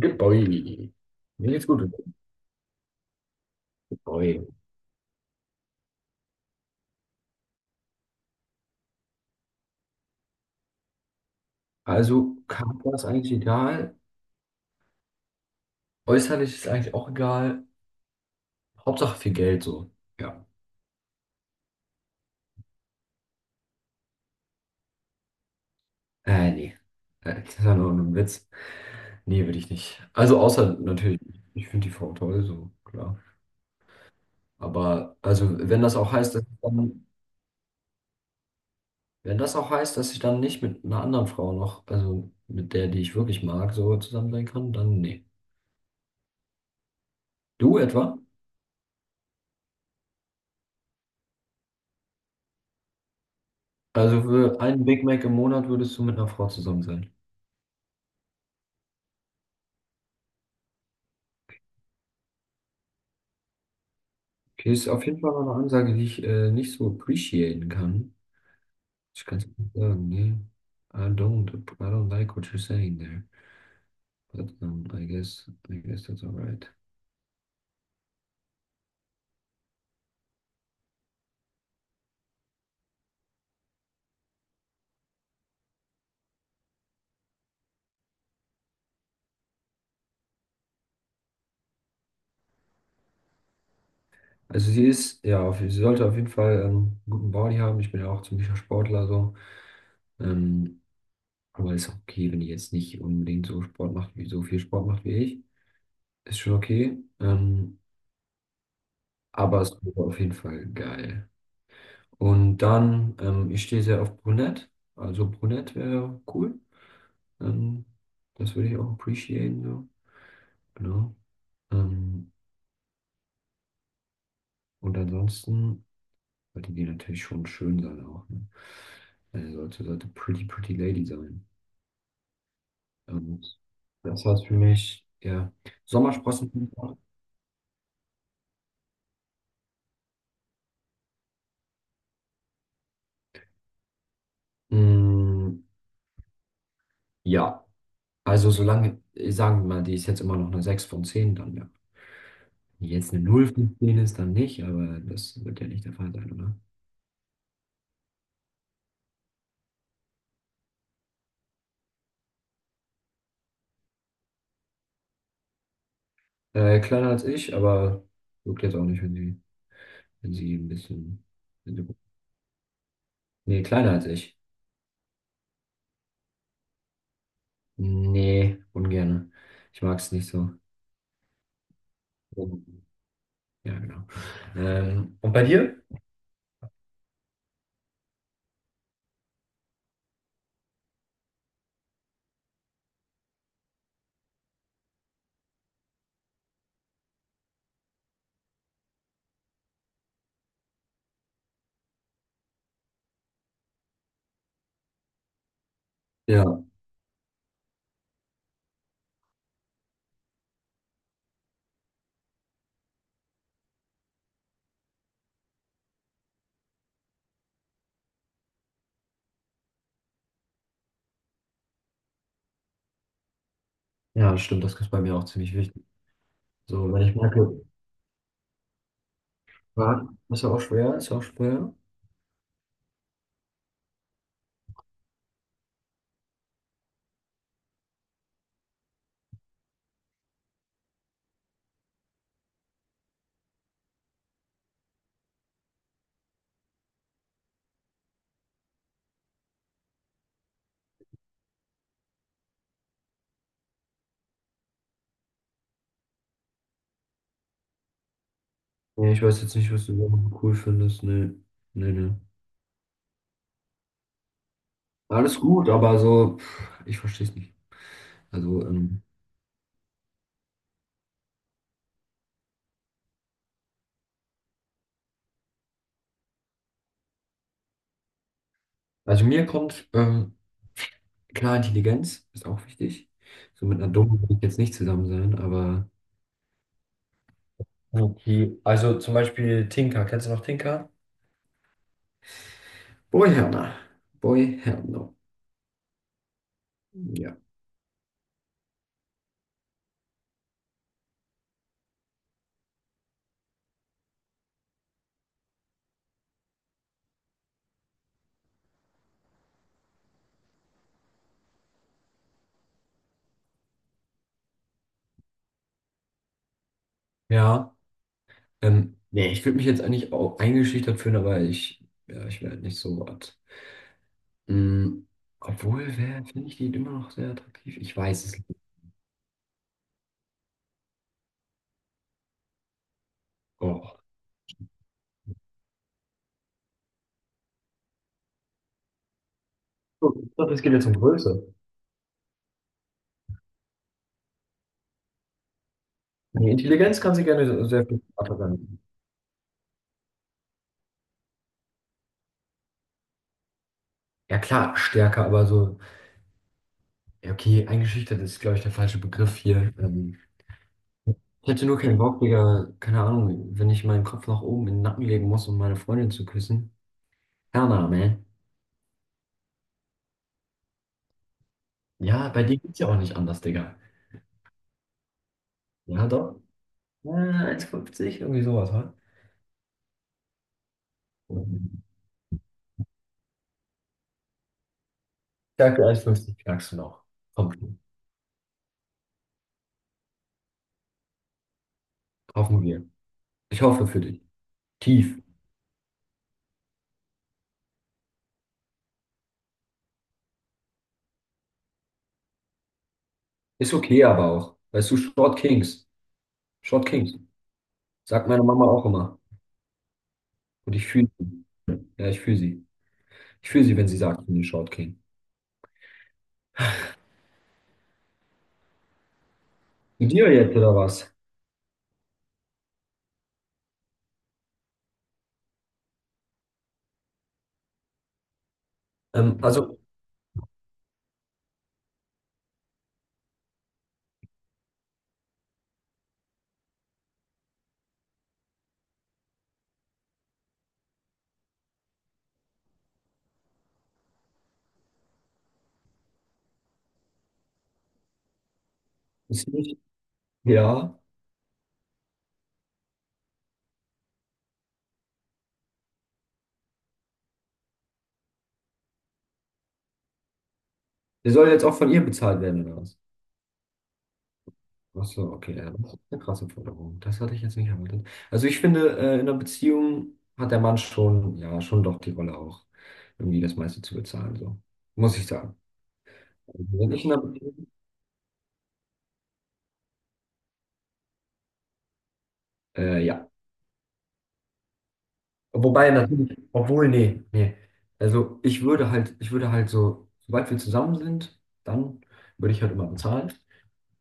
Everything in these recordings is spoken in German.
Good boy. Mir geht's gut. Good boy. Also, Charakter ist eigentlich egal. Äußerlich ist eigentlich auch egal. Hauptsache viel Geld so. Ja. Nee. Das ist ja nur ein Witz. Nee, will ich nicht. Also, außer natürlich, ich finde die Frau toll, so, klar. Aber, also, wenn das auch heißt, dass ich dann, wenn das auch heißt, dass ich dann nicht mit einer anderen Frau noch, also mit der, die ich wirklich mag, so zusammen sein kann, dann nee. Du etwa? Also, für einen Big Mac im Monat würdest du mit einer Frau zusammen sein? Okay, ist auf jeden Fall mal eine Ansage, die ich nicht so appreciaten kann. Ich kann es nicht sagen, ne? I don't like what you're saying there. But I guess that's alright. Also sie ist, ja, auf, sie sollte auf jeden Fall einen guten Body haben. Ich bin ja auch ziemlicher Sportler so. Ähm, aber ist auch okay, wenn die jetzt nicht unbedingt so Sport macht, wie so viel Sport macht wie ich. Ist schon okay. Aber es wäre auf jeden Fall geil. Und dann, ich stehe sehr auf Brunette. Also Brunette wäre cool. Ähm, Das würde ich auch appreciaten, so. Genau. Ähm, und ansonsten sollte die natürlich schon schön sein auch. Ne? Sollte Pretty Pretty Lady sein. Und das heißt für mich, ja, Sommersprossen. Mm, ja, also solange, sagen wir mal, die ist jetzt immer noch eine 6 von zehn, dann ja. Wenn die jetzt eine null von zehn ist, dann nicht, aber das wird ja nicht der Fall sein. Kleiner als ich, aber juckt jetzt auch nicht, wenn sie, wenn sie ein bisschen. Wenn sie, Nee, kleiner als ich. Nee, ungerne. Ich mag es nicht so. Ja, genau. Und bei dir? Ja, ja, stimmt, das ist bei mir auch ziemlich wichtig. So, wenn ich merke, ah, ist ja auch schwer. Nee, ich weiß jetzt nicht, was du so cool findest. Nee, nee, nee. Alles gut, aber so, pff, ich verstehe es nicht. Also, ähm, also mir kommt, klar, Intelligenz ist auch wichtig. So mit einer Dummen würde ich jetzt nicht zusammen sein, aber okay. Also zum Beispiel Tinker. Kennst du noch Tinker? Boy Herner. Boy Herner. Ja. Ja. Nee, ich würde mich jetzt eigentlich auch eingeschüchtert fühlen, ja, ich wäre halt nicht so was. Mm, obwohl, wer finde ich die immer noch sehr attraktiv? Ich weiß es nicht. Oh. So, ich dachte, es geht jetzt um Größe. Die Intelligenz kann sie gerne sehr viel stärker sein. Ja klar, stärker, aber so. Ja, okay, eingeschüchtert ist, glaube ich, der falsche Begriff hier. Ich hätte nur keinen Bock, Digga, keine Ahnung, wenn ich meinen Kopf nach oben in den Nacken legen muss, um meine Freundin zu küssen. Kana, man. Ja, bei dir geht's ja auch nicht anders, Digga. Ja, doch. 1,50, irgendwie sowas, ha? Mhm. Ich sag 1,50 knackst du noch. Komm schon. Hoffen wir. Ich hoffe für dich. Tief. Ist okay, aber auch. Weißt du, Short Kings. Short Kings. Sagt meine Mama auch immer. Und ich fühle sie. Ja, ich fühle sie. Ich fühle sie, wenn sie sagt, ich bin ein Short King. Zu dir jetzt oder was? Ähm, also, ist nicht, ja, der soll jetzt auch von ihr bezahlt werden oder was? Ach so, okay, ja, das ist eine krasse Forderung. Das hatte ich jetzt nicht erwartet. Also, ich finde, in einer Beziehung hat der Mann schon, ja, schon doch die Rolle auch, irgendwie das meiste zu bezahlen, so. Muss ich sagen. Also, wenn ich in einer Beziehung, ja. Wobei natürlich, obwohl, nee, nee. Also, ich würde halt so, sobald wir zusammen sind, dann würde ich halt immer bezahlen.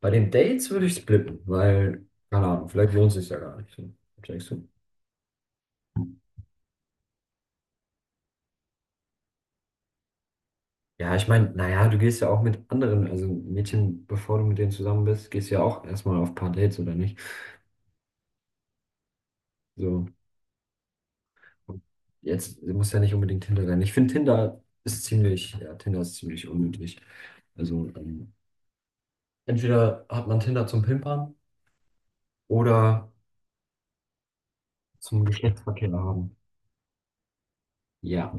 Bei den Dates würde ich splitten, weil, keine Ahnung, vielleicht lohnt es sich ja gar nicht. Was denkst du? Ja, ich meine, naja, du gehst ja auch mit anderen, also Mädchen, bevor du mit denen zusammen bist, gehst du ja auch erstmal auf ein paar Dates, oder nicht? So, jetzt muss ja nicht unbedingt Tinder sein. Ich finde, ja, Tinder ist ziemlich unnötig. Also, entweder hat man Tinder zum Pimpern oder zum Geschlechtsverkehr haben. Ja.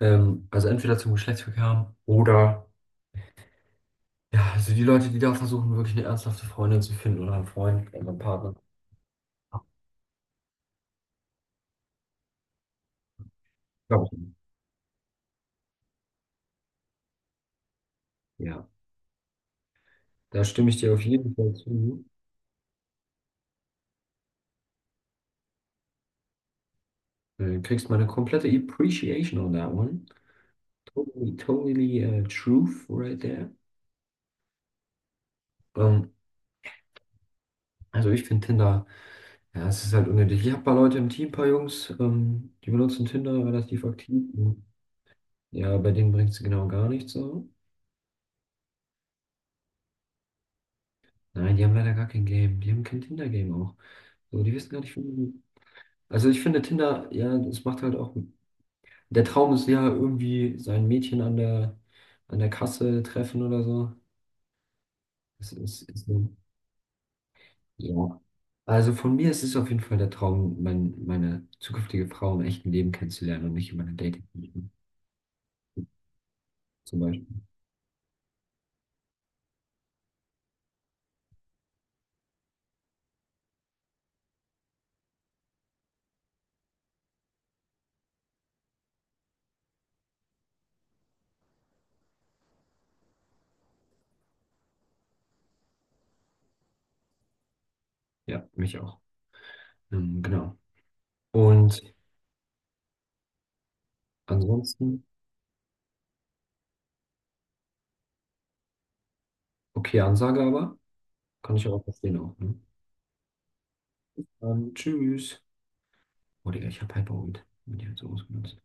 Also entweder zum Geschlechtsverkehr haben oder ja, also die Leute, die da versuchen, wirklich eine ernsthafte Freundin zu finden oder einen Freund oder einen Partner. Glaub ich nicht. Ja, da stimme ich dir auf jeden Fall zu. Du kriegst meine komplette Appreciation on that one. Totally, totally truth right there. Ähm, also ich finde Tinder, ja, es ist halt unnötig. Ich habe ein paar Leute im Team, ein paar Jungs, die benutzen Tinder relativ aktiv. Und ja, bei denen bringt es genau gar nichts so. Nein, die haben leider gar kein Game. Die haben kein Tinder-Game auch. So, die wissen gar nicht, wie. Also ich finde Tinder, ja, es macht halt auch. Der Traum ist ja irgendwie sein Mädchen an der Kasse treffen oder so. Ist so. Ja. Also von mir ist es auf jeden Fall der Traum, meine zukünftige Frau im echten Leben kennenzulernen und nicht in meiner dating zum Beispiel. Ja, mich auch. Genau. Und ansonsten, okay, Ansage aber, kann ich auch verstehen auch. Ne? Tschüss. Oh, Digga, ich hab Hyperwind. Bin ich jetzt so